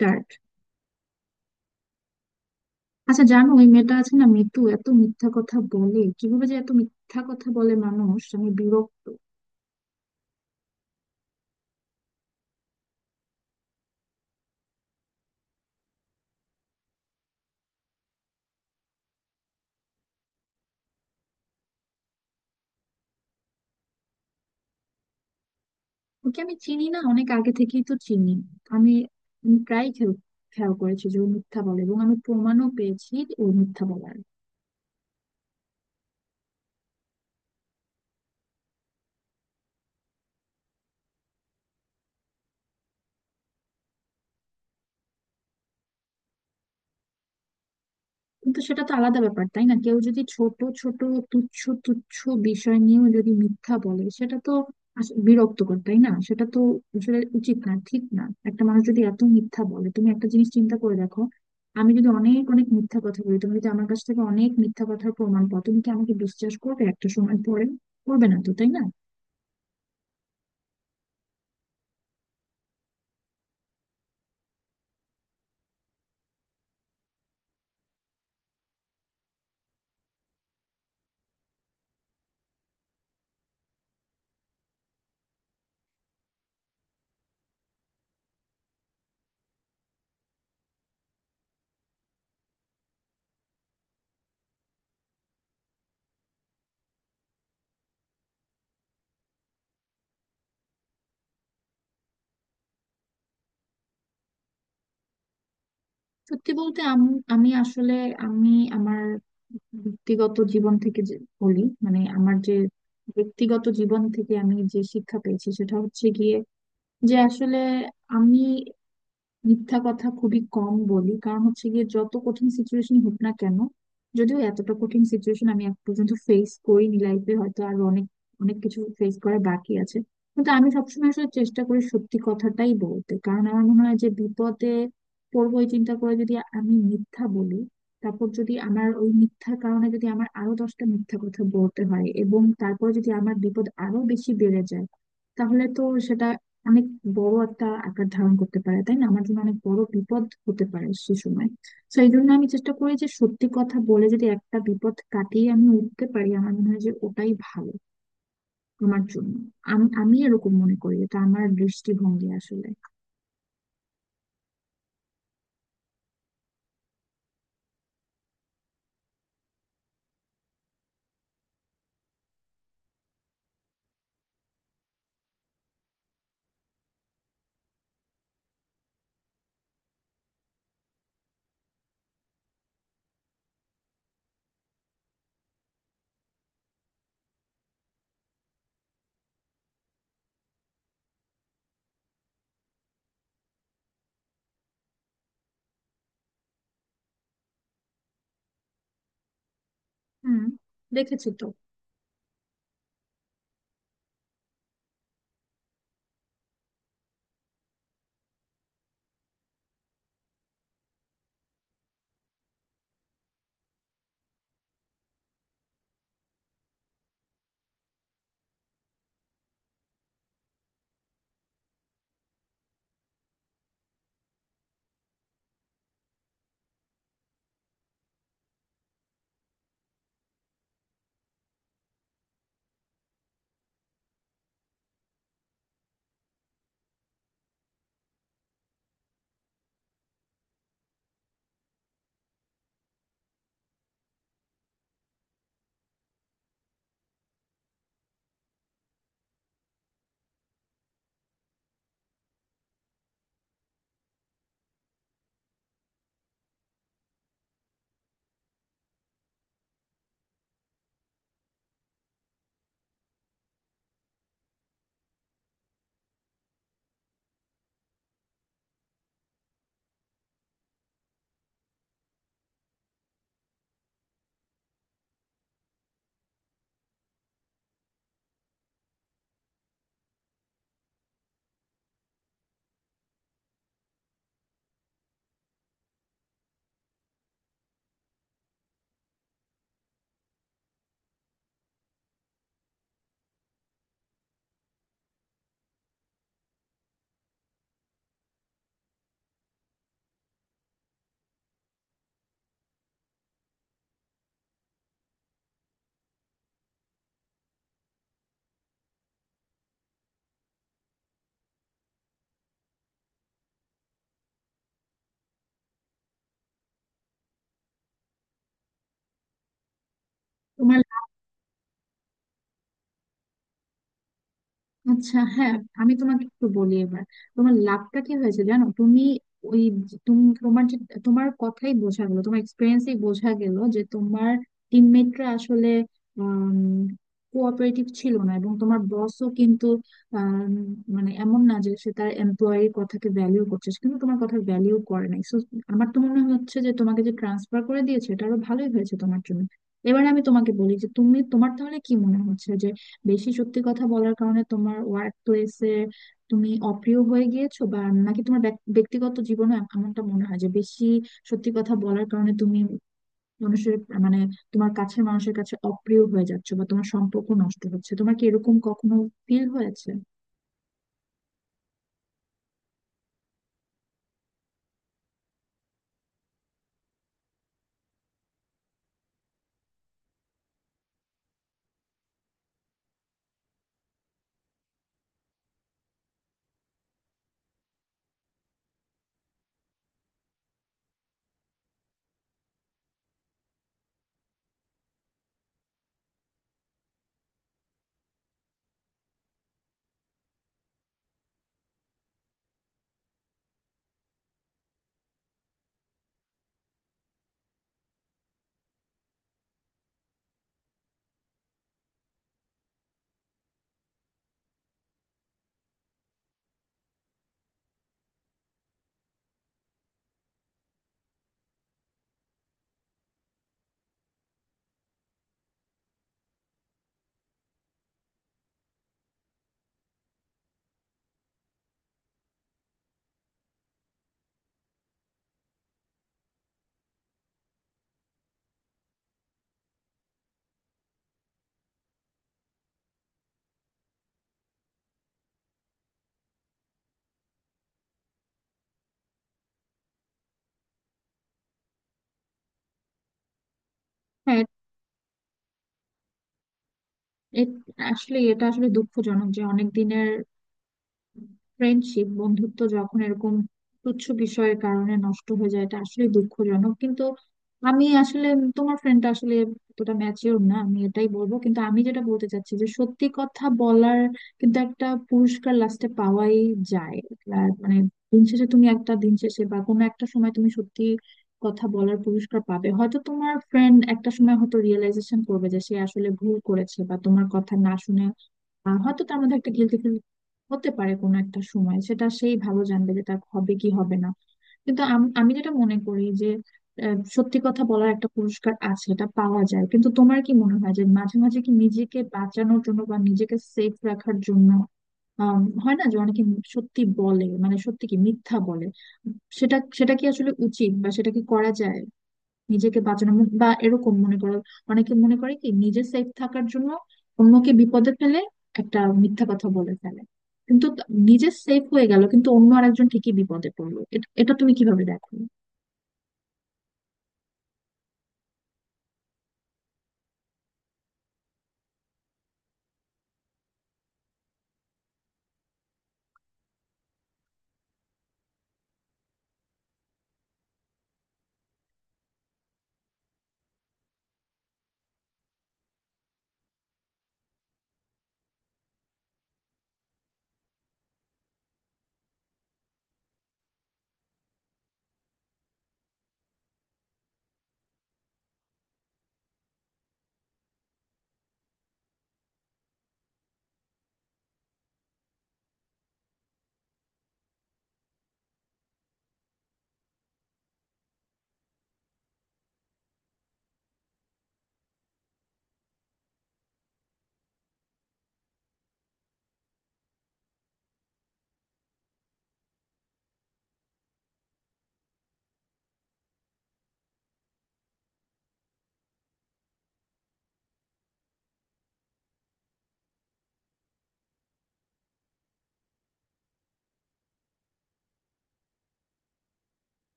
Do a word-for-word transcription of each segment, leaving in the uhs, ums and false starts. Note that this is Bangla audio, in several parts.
ডার্ট। আচ্ছা, জানো ওই মেয়েটা আছে না, মিতু, এত মিথ্যা কথা বলে কিভাবে, যে এত মিথ্যা কথা বলে মানুষ, আমি বিরক্ত। ওকে আমি চিনি না, অনেক আগে থেকেই তো চিনি। আমি আমি প্রায় খেয়াল খেয়াল করেছি যে ও মিথ্যা বলে, এবং আমি প্রমাণও পেয়েছি ও মিথ্যা বলার। কিন্তু সেটা তো আলাদা ব্যাপার তাই না? কেউ যদি ছোট ছোট তুচ্ছ তুচ্ছ বিষয় নিয়েও যদি মিথ্যা বলে, সেটা তো আস- বিরক্তকর তাই না? সেটা তো আসলে উচিত না, ঠিক না। একটা মানুষ যদি এত মিথ্যা বলে, তুমি একটা জিনিস চিন্তা করে দেখো, আমি যদি অনেক অনেক মিথ্যা কথা বলি, তুমি যদি আমার কাছ থেকে অনেক মিথ্যা কথার প্রমাণ পাও, তুমি কি আমাকে বিশ্বাস করবে একটা সময় পরে? করবে না তো, তাই না? সত্যি বলতে, আমি আমি আসলে, আমি আমার ব্যক্তিগত জীবন থেকে যে বলি, মানে আমার যে ব্যক্তিগত জীবন থেকে আমি যে শিক্ষা পেয়েছি সেটা হচ্ছে গিয়ে যে আসলে আমি মিথ্যা কথা খুবই কম বলি। কারণ হচ্ছে গিয়ে, যত কঠিন সিচুয়েশন হোক না কেন, যদিও এতটা কঠিন সিচুয়েশন আমি এক পর্যন্ত ফেস করিনি লাইফে, হয়তো আর অনেক অনেক কিছু ফেস করা বাকি আছে, কিন্তু আমি সবসময় আসলে চেষ্টা করি সত্যি কথাটাই বলতে। কারণ আমার মনে হয় যে, বিপদে পড়বো এই চিন্তা করে যদি আমি মিথ্যা বলি, তারপর যদি আমার ওই মিথ্যার কারণে যদি আমার আরো দশটা মিথ্যা কথা বলতে হয়, এবং তারপর যদি আমার বিপদ আরো বেশি বেড়ে যায়, তাহলে তো সেটা অনেক বড় একটা আকার ধারণ করতে পারে তাই না, আমার জন্য অনেক বড় বিপদ হতে পারে সে সময়। তো এই জন্য আমি চেষ্টা করি যে, সত্যি কথা বলে যদি একটা বিপদ কাটিয়ে আমি উঠতে পারি, আমার মনে হয় যে ওটাই ভালো আমার জন্য। আমি আমি এরকম মনে করি, এটা আমার দৃষ্টিভঙ্গি আসলে। হুম, দেখেছি তো। তোমার, আচ্ছা হ্যাঁ, আমি তোমাকে একটু বলি এবার। তোমার লাভটা কি হয়েছে জানো তুমি? ওই যে- তুমি তোমার যে, তোমার কথাই বোঝা গেল, তোমার এক্সপিরিয়েন্সই বোঝা গেল যে তোমার টিমমেটরা আসলে কোঅপারেটিভ ছিল না, এবং তোমার বসও কিন্তু, আম, মানে এমন না যে সে তার এমপ্লয়ির কথাকে ভ্যালিউ করছে, সে কিন্তু তোমার কথা ভ্যালিউ করে নাই। সো আমার তো মনে হচ্ছে যে, তোমাকে যে ট্রান্সফার করে দিয়েছে এটা আরো ভালোই হয়েছে তোমার জন্য। এবার আমি তোমাকে বলি যে, তুমি তোমার তাহলে কি মনে হচ্ছে, বেশি সত্যি কথা বলার কারণে তোমার ওয়ার্ক প্লেসে তুমি অপ্রিয় হয়ে গিয়েছো, বা নাকি তোমার ব্যক- ব্যক্তিগত জীবনে এমনটা মনে হয় যে, বেশি সত্যি কথা বলার কারণে তুমি মানুষের, মানে তোমার কাছের মানুষের কাছে অপ্রিয় হয়ে যাচ্ছো, বা তোমার সম্পর্ক নষ্ট হচ্ছে? তোমার কি এরকম কখনো ফিল হয়েছে? হ্যাঁ। এ- আসলে এটা আসলে দুঃখজনক যে, অনেক দিনের ফ্রেন্ডশিপ বন্ধুত্ব যখন এরকম তুচ্ছ বিষয়ের কারণে নষ্ট হয়ে যায়, এটা আসলে দুঃখজনক। কিন্তু আমি আসলে, তোমার ফ্রেন্ডটা আসলে এতটা ম্যাচিওর না, আমি এটাই বলবো। কিন্তু আমি যেটা বলতে চাচ্ছি যে, সত্যি কথা বলার কিন্তু একটা পুরস্কার লাস্টে পাওয়াই যায়। আর মানে, দিন শেষে তুমি একটা দিন শেষে বা কোনো একটা সময় তুমি সত্যি কথা বলার পুরস্কার পাবে। হয়তো তোমার ফ্রেন্ড একটা সময় হয়তো রিয়েলাইজেশন করবে যে সে আসলে ভুল করেছে, বা তোমার কথা না শুনে, আহ, হয়তো তার মধ্যে একটা গিলটি ফিল হতে পারে কোনো একটা সময়। সেটা সেই ভালো জানবে যে তার হবে কি হবে না, কিন্তু আম- আমি যেটা মনে করি যে, আহ, সত্যি কথা বলার একটা পুরস্কার আছে, এটা পাওয়া যায়। কিন্তু তোমার কি মনে হয় যে, মাঝে মাঝে কি নিজেকে বাঁচানোর জন্য বা নিজেকে সেফ রাখার জন্য, আম, হয় না যে অনেকে সত্যি বলে, মানে সত্যি কি মিথ্যা বলে, সেটা সেটা কি আসলে উচিত বা সেটা কি করা যায়? নিজেকে বাঁচানো মু- বা এরকম মনে করো, অনেকে মনে করে কি নিজে সেফ থাকার জন্য অন্যকে বিপদে ফেলে একটা মিথ্যা কথা বলে ফেলে, কিন্তু ত- নিজে সেফ হয়ে গেল কিন্তু অন্য আরেকজন ঠিকই বিপদে পড়লো, এটা এটা তুমি কিভাবে দেখো?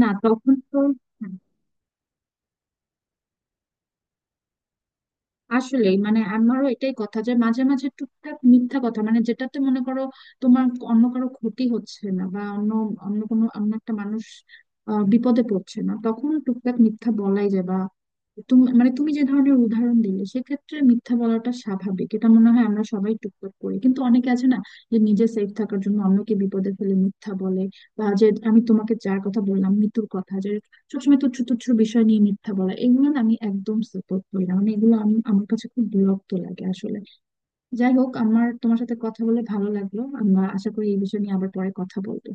না তখন তো, আসলে মানে আমারও এটাই কথা যে, মাঝে মাঝে টুকটাক মিথ্যা কথা, মানে যেটাতে মনে করো তোমার অন্য কারো ক্ষতি হচ্ছে না, বা অন্য অন্য কোনো অন্য একটা মানুষ আহ, বিপদে পড়ছে না, তখন টুকটাক মিথ্যা বলাই যায়। বা তুমি মানে তুমি যে ধরনের উদাহরণ দিলে, সেক্ষেত্রে মিথ্যা বলাটা স্বাভাবিক, এটা মনে হয় আমরা সবাই টুকটাক করি। কিন্তু অনেকে আছে না, যে নিজে সেফ থাকার জন্য অন্যকে বিপদে ফেলে মিথ্যা বলে, বা যে আমি তোমাকে যার কথা বললাম মিতুর কথা, যে সবসময় তুচ্ছ তুচ্ছ বিষয় নিয়ে মিথ্যা বলা, এগুলো না আমি একদম সাপোর্ট করি না। মানে এগুলো আম- আমার কাছে খুব বিরক্ত লাগে আসলে। যাই হোক, আমার তোমার সাথে কথা বলে ভালো লাগলো, আমরা আশা করি এই বিষয় নিয়ে আবার পরে কথা বলবো।